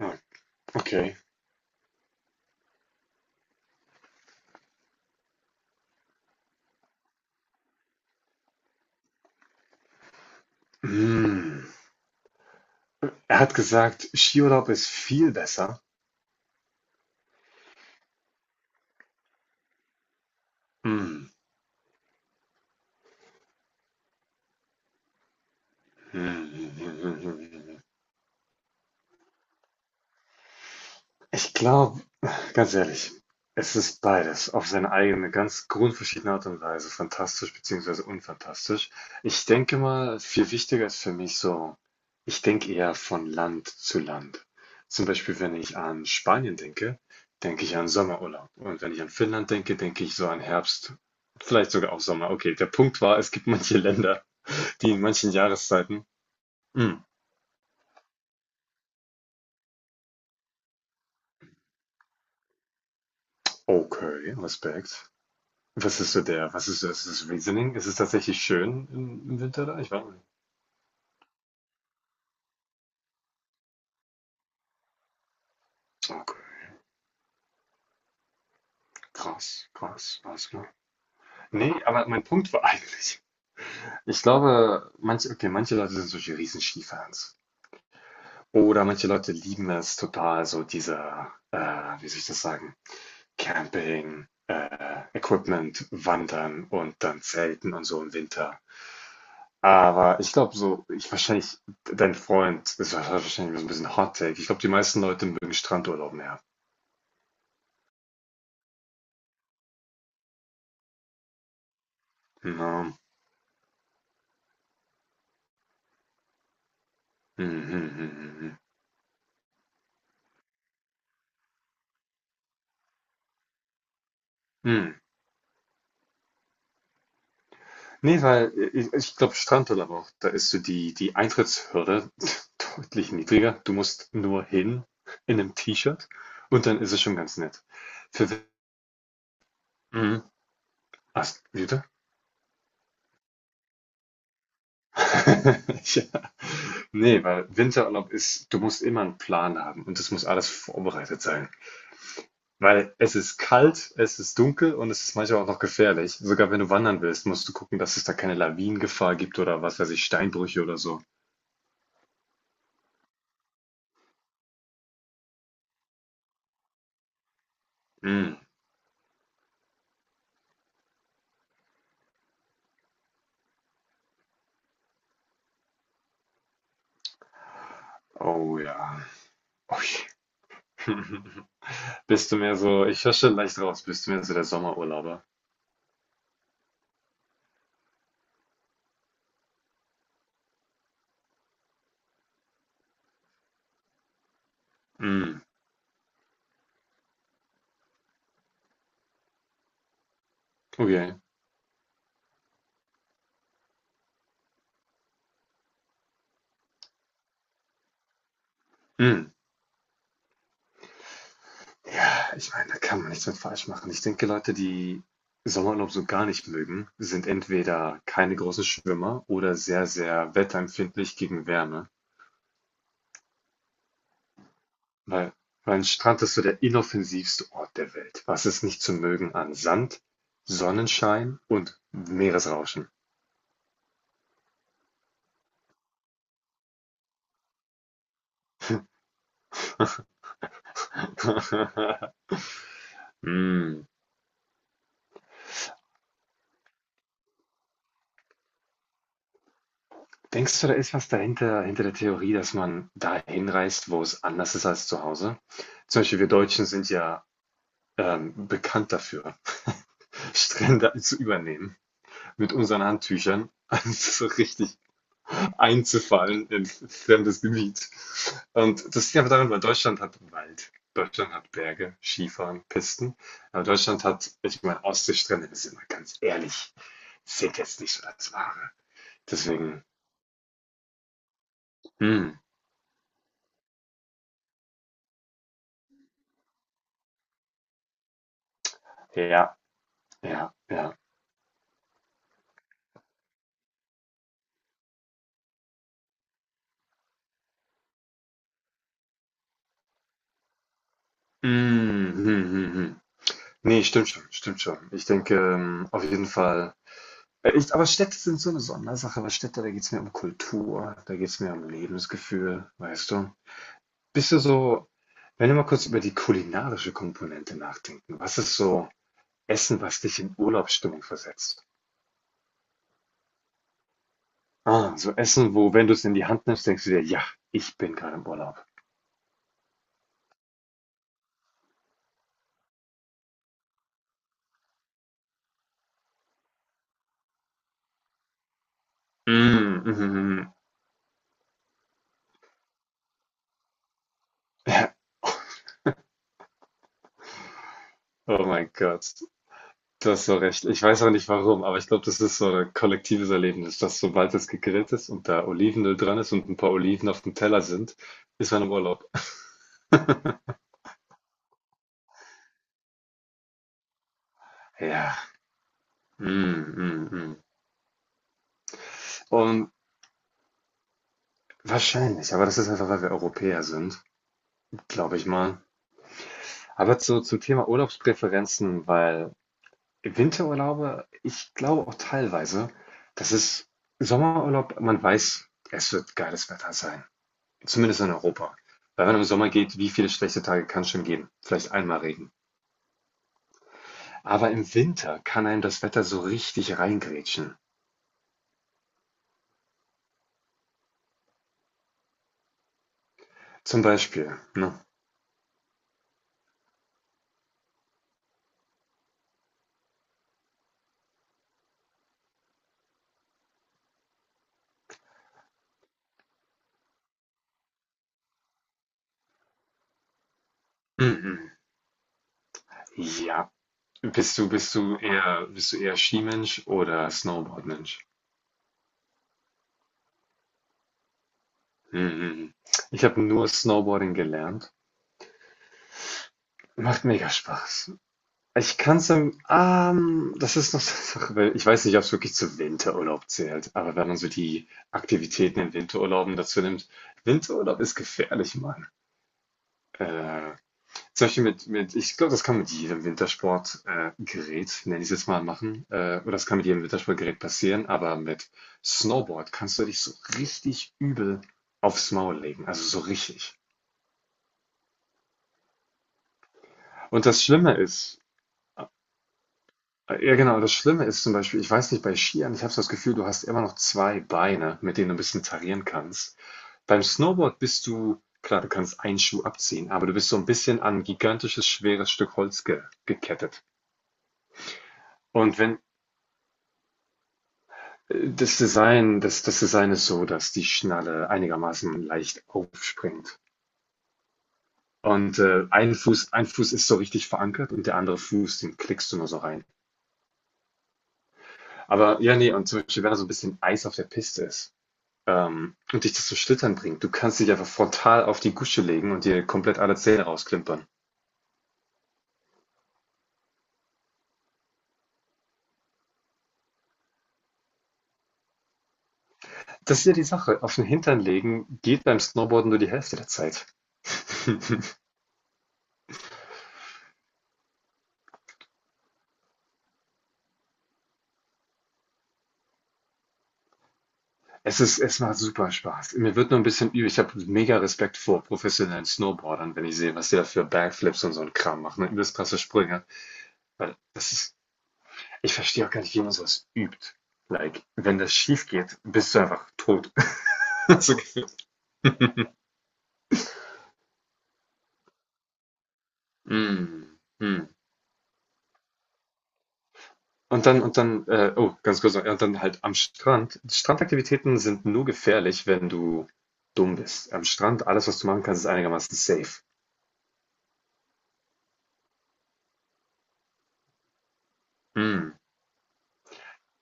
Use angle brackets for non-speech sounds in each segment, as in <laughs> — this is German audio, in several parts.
Ah, okay. Hm. Er hat gesagt, Skiurlaub ist viel besser. Hm. Hm, hm, hm, hm, hm, hm, hm. Ich glaube, Ganz ehrlich, es ist beides auf seine eigene, ganz grundverschiedene Art und Weise, fantastisch beziehungsweise unfantastisch. Ich denke mal, viel wichtiger ist für mich so, ich denke eher von Land zu Land. Zum Beispiel, wenn ich an Spanien denke, denke ich an Sommerurlaub. Und wenn ich an Finnland denke, denke ich so an Herbst, vielleicht sogar auch Sommer. Okay, der Punkt war, es gibt manche Länder, die in manchen Jahreszeiten. Mm, okay, Respekt. Was ist so der, was ist, ist das Reasoning? Ist es tatsächlich schön im Winter da? Ich weiß nicht. Okay, krass, krass, krass. Ne? Nee, aber mein Punkt war eigentlich, ich glaube, manche, okay, manche Leute sind solche riesen Skifans. Oder manche Leute lieben es total, so dieser, wie soll ich das sagen, Camping, Equipment, Wandern und dann Zelten und so im Winter. Aber ich glaube so, ich wahrscheinlich, dein Freund, das war wahrscheinlich so ein bisschen Hot Take. Ich glaube, die meisten Leute mögen Strandurlaub mehr. Na, hm, hm, hm, hm, hm. Hm. Hm. Nee, weil ich glaube, Strandurlaub auch, da ist so die, die Eintrittshürde <laughs> deutlich niedriger. Du musst nur hin in einem T-Shirt und dann ist es schon ganz nett. Für, Win- mhm. Ach, wie bitte? <laughs> Ja. Nee, weil Winterurlaub ist, du musst immer einen Plan haben und das muss alles vorbereitet sein. Weil es ist kalt, es ist dunkel und es ist manchmal auch noch gefährlich. Sogar wenn du wandern willst, musst du gucken, dass es da keine Lawinengefahr gibt oder was weiß ich, Steinbrüche oder so. Mm. Oh ja. Ui. <laughs> Bist du mehr so, ich höre schon leicht raus, bist du mehr so der Sommerurlauber? Mm. Okay. Mm. Ja, ich meine, da kann man nichts mit falsch machen. Ich denke, Leute, die Sommerurlaub so gar nicht mögen, sind entweder keine großen Schwimmer oder sehr, sehr wetterempfindlich gegen Wärme. Weil, weil ein Strand ist so der inoffensivste Ort der Welt. Was ist nicht zu mögen an Sand, Sonnenschein und Meeresrauschen? <laughs> Hm. Denkst du, da ist was dahinter, hinter der Theorie, dass man dahin reist, wo es anders ist als zu Hause? Zum Beispiel, wir Deutschen sind ja bekannt dafür, <laughs> Strände zu übernehmen mit unseren Handtüchern. <laughs> Das ist so richtig einzufallen in fremdes Gebiet. Und das liegt aber daran, weil Deutschland hat Wald, Deutschland hat Berge, Skifahren, Pisten. Aber Deutschland hat, ich meine, Ostseestrände, das ist immer ganz ehrlich, zählt jetzt nicht so als Ware. Deswegen, hm, ja, ja, ja. Mm, hm, hm, hm. Hm. Nee, stimmt schon, stimmt schon. Ich denke, auf jeden Fall. Aber Städte sind so eine Sondersache, weil Städte, da geht es mir um Kultur, da geht es mir um Lebensgefühl, weißt du? Bist du so. Wenn wir mal kurz über die kulinarische Komponente nachdenken, was ist so Essen, was dich in Urlaubsstimmung versetzt? Ah, so Essen, wo, wenn du es in die Hand nimmst, denkst du dir, ja, ich bin gerade im Urlaub. Mm, mhm. <laughs> Ja, oh mein Gott, du hast so recht. Ich weiß auch nicht warum, aber ich glaube, das ist so ein kollektives Erlebnis, dass sobald es gegrillt ist und da Olivenöl dran ist und ein paar Oliven auf dem Teller sind, ist man im Urlaub. Ja, mm, mm, mm. Und wahrscheinlich, aber das ist einfach, weil wir Europäer sind, glaube ich mal. Aber zum Thema Urlaubspräferenzen, weil Winterurlaube, ich glaube auch teilweise, das ist Sommerurlaub, man weiß, es wird geiles Wetter sein. Zumindest in Europa. Weil wenn man im Sommer geht, wie viele schlechte Tage kann es schon geben? Vielleicht einmal Regen. Aber im Winter kann einem das Wetter so richtig reingrätschen. Zum Beispiel, ne? Mhm. Ja. Bist du eher Skimensch oder Snowboardmensch? Mhm. Ich habe nur Snowboarding gelernt. Macht mega Spaß. Ich kann's das ist noch <laughs> so eine Sache, weil ich weiß nicht, ob es wirklich zu Winterurlaub zählt, aber wenn man so die Aktivitäten in Winterurlauben dazu nimmt, Winterurlaub ist gefährlich, Mann. Äh, Zum Beispiel ich glaube, das kann mit jedem Wintersportgerät, Gerät, nenn ich es jetzt mal, machen, oder das kann mit jedem Wintersportgerät passieren, aber mit Snowboard kannst du dich so richtig übel aufs Maul legen, also so richtig. Und das Schlimme ist, ja, genau. Das Schlimme ist zum Beispiel, ich weiß nicht, bei Skiern, ich habe so das Gefühl, du hast immer noch zwei Beine, mit denen du ein bisschen tarieren kannst. Beim Snowboard bist du, klar, du kannst einen Schuh abziehen, aber du bist so ein bisschen an ein gigantisches, schweres Stück Holz ge gekettet. Und wenn das Design, das Design ist so, dass die Schnalle einigermaßen leicht aufspringt. Und ein Fuß ist so richtig verankert und der andere Fuß, den klickst du nur so rein. Aber ja, nee, und zum Beispiel, wenn da so ein bisschen Eis auf der Piste ist, und dich das zum Schlittern bringt. Du kannst dich einfach frontal auf die Gusche legen und dir komplett alle Zähne rausklimpern. Das ist ja die Sache. Auf den Hintern legen geht beim Snowboarden nur die Hälfte der Zeit. <laughs> Es ist, es macht super Spaß. Mir wird nur ein bisschen übel. Ich habe mega Respekt vor professionellen Snowboardern, wenn ich sehe, was die da für Backflips und so ein Kram machen. Ne? Übelst krasse Sprünge. Weil das ist, ich verstehe auch gar nicht, wie man sowas übt. Like, wenn das schief geht, bist du einfach tot. <laughs> So gefühlt. Mm, mm. Und dann, oh, ganz kurz, noch, ja, und dann halt am Strand. Strandaktivitäten sind nur gefährlich, wenn du dumm bist. Am Strand, alles, was du machen kannst, ist einigermaßen safe. Hm,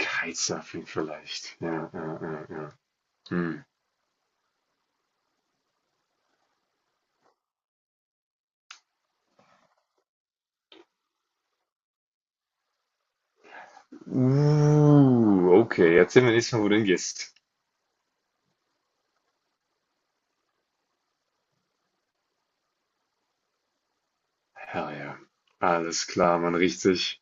Kitesurfing vielleicht. Ja, ja, ja, ja. Hm. Okay, erzähl mir nächstes Mal, wo du hingehst. Herr, ja. Alles klar, man riecht sich.